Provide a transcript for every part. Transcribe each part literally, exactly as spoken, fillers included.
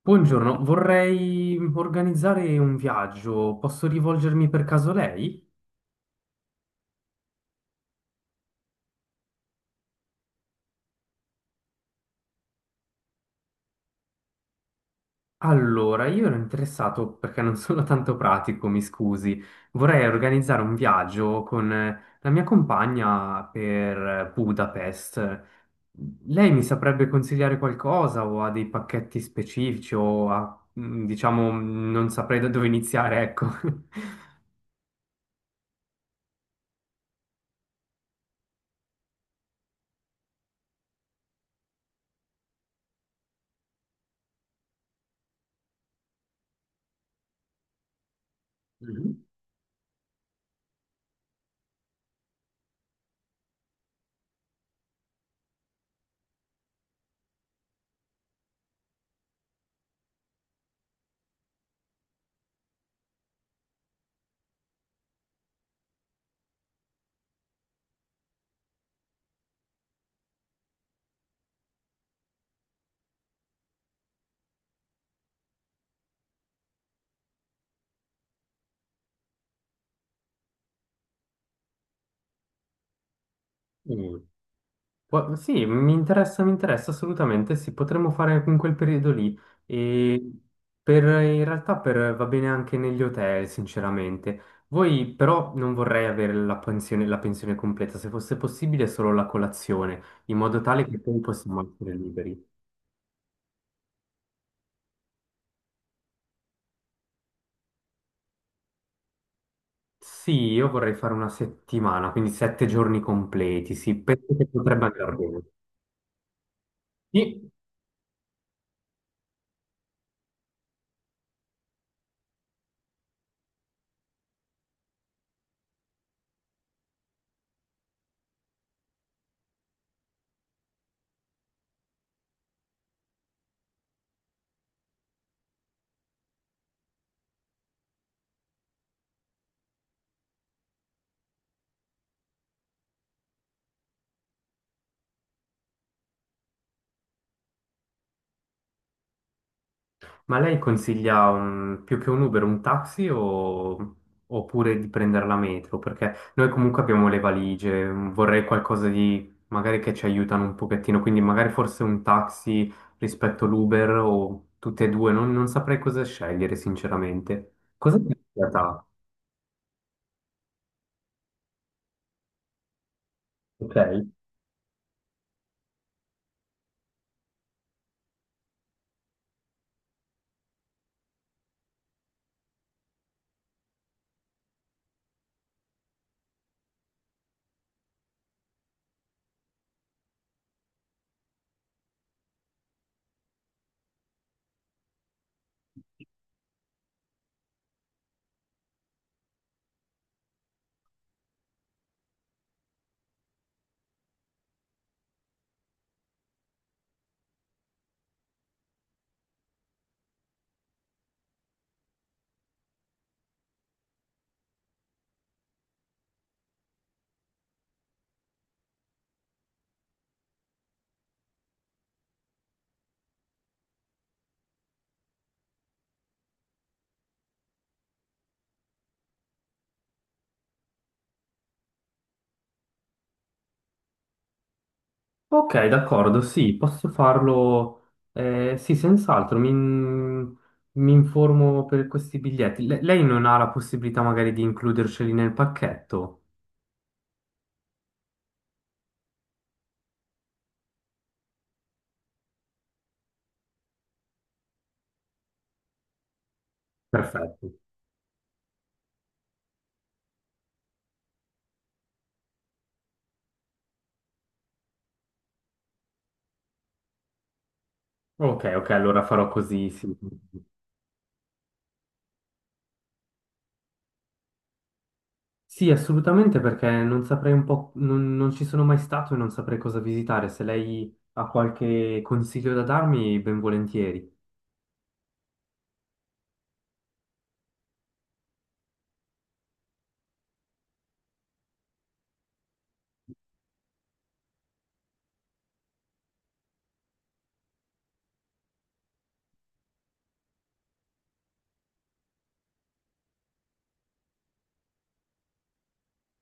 Buongiorno, vorrei organizzare un viaggio. Posso rivolgermi per caso a lei? Allora, io ero interessato perché non sono tanto pratico, mi scusi. Vorrei organizzare un viaggio con eh, la mia compagna per eh, Budapest. Lei mi saprebbe consigliare qualcosa o ha dei pacchetti specifici o ha, mm, diciamo, non saprei da dove iniziare, ecco. Mhm. Mm. Qua- Sì, mi interessa, mi interessa assolutamente, sì, potremmo fare in quel periodo lì. E per, in realtà per- va bene anche negli hotel, sinceramente. Voi però non vorrei avere la pensione, la pensione completa, se fosse possibile solo la colazione, in modo tale che poi possiamo essere liberi. Sì, io vorrei fare una settimana, quindi sette giorni completi, sì, penso che potrebbe andare bene. Sì. Ma lei consiglia un- più che un Uber, un taxi o oppure di prendere la metro? Perché noi comunque abbiamo le valigie, mm, vorrei qualcosa di magari che ci aiutano un pochettino, quindi magari forse un taxi rispetto all'Uber o tutte e due, non, non saprei cosa scegliere sinceramente. Cosa ti è piaciuta? Ok. Ok, d'accordo, sì, posso farlo. Eh, sì, senz'altro, mi, mi informo per questi biglietti. Le- lei non ha la possibilità magari di includerceli nel pacchetto? Perfetto. Ok, ok, allora farò così, sì. Sì, assolutamente, perché non saprei un po', non, non ci sono mai stato e non saprei cosa visitare. Se lei ha qualche consiglio da darmi, ben volentieri.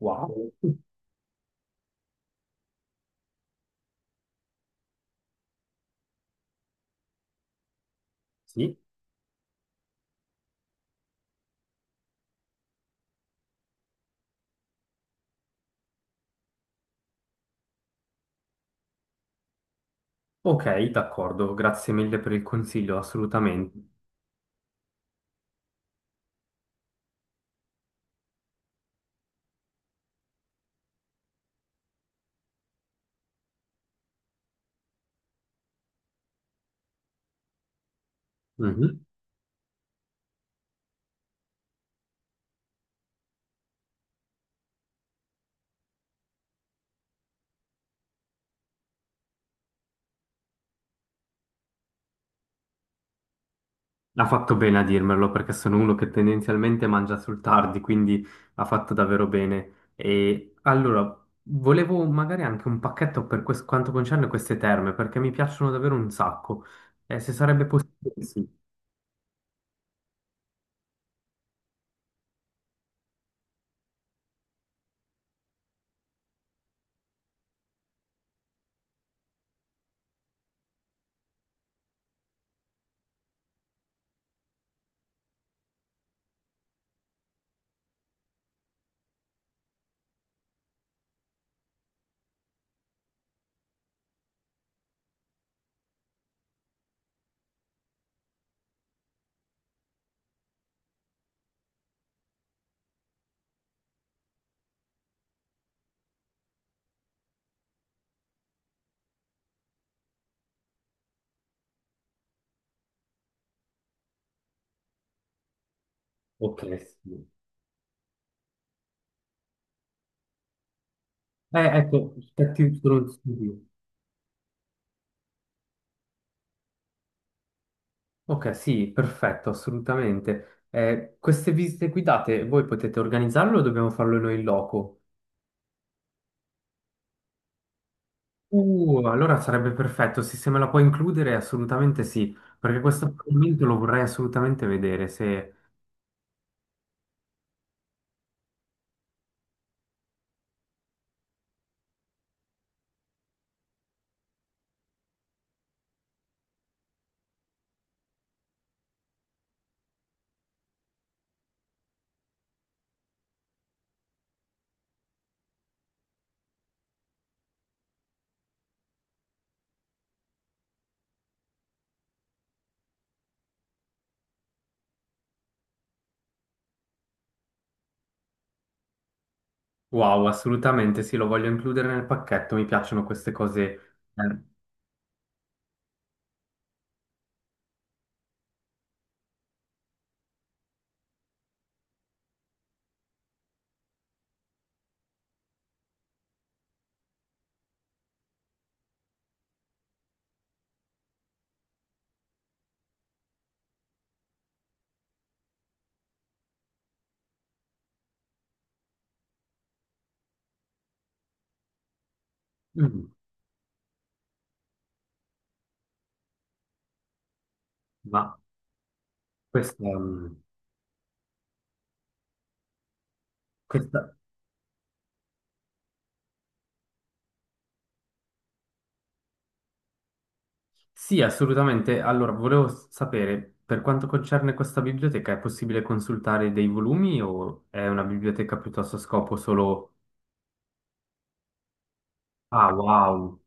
Wow. Sì. Ok, d'accordo, grazie mille per il consiglio, assolutamente. Mhm. Ha fatto bene a dirmelo perché sono uno che tendenzialmente mangia sul tardi, quindi ha fatto davvero bene. E allora, volevo magari anche un pacchetto per quest- quanto concerne queste terme, perché mi piacciono davvero un sacco. Eh, se sarebbe possibile, sì. Ok, sì. Eh, ecco, aspetti solo un secondo. Ok, sì, perfetto, assolutamente. Eh, queste visite guidate, voi potete organizzarle o dobbiamo farlo noi in loco? Uh, allora sarebbe perfetto, sì, se me la puoi includere assolutamente sì, perché questo appuntamento lo vorrei assolutamente vedere, se... Wow, assolutamente sì, lo voglio includere nel pacchetto, mi piacciono queste cose. eh, mm, ma questa, mm, questa... Sì, assolutamente. Allora, volevo sapere, per quanto concerne questa biblioteca, è possibile consultare dei volumi o è una biblioteca piuttosto a scopo solo... Ah, wow.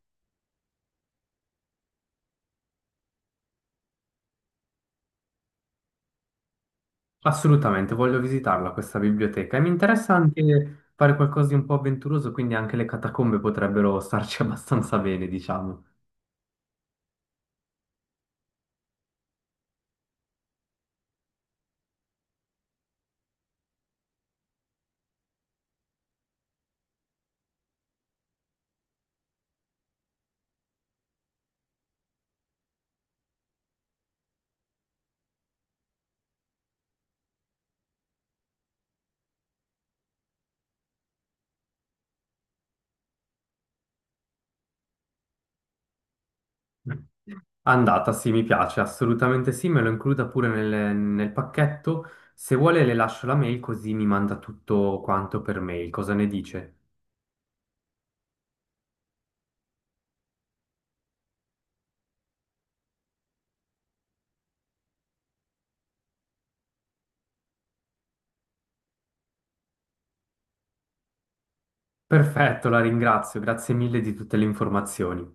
Assolutamente, voglio visitarla questa biblioteca e mi interessa anche fare qualcosa di un po' avventuroso, quindi anche le catacombe potrebbero starci abbastanza bene, diciamo. Andata, sì, mi piace, assolutamente sì, me lo includa pure nel, nel pacchetto. Se vuole le lascio la mail così mi manda tutto quanto per mail, cosa ne dice? Perfetto, la ringrazio, grazie mille di tutte le informazioni.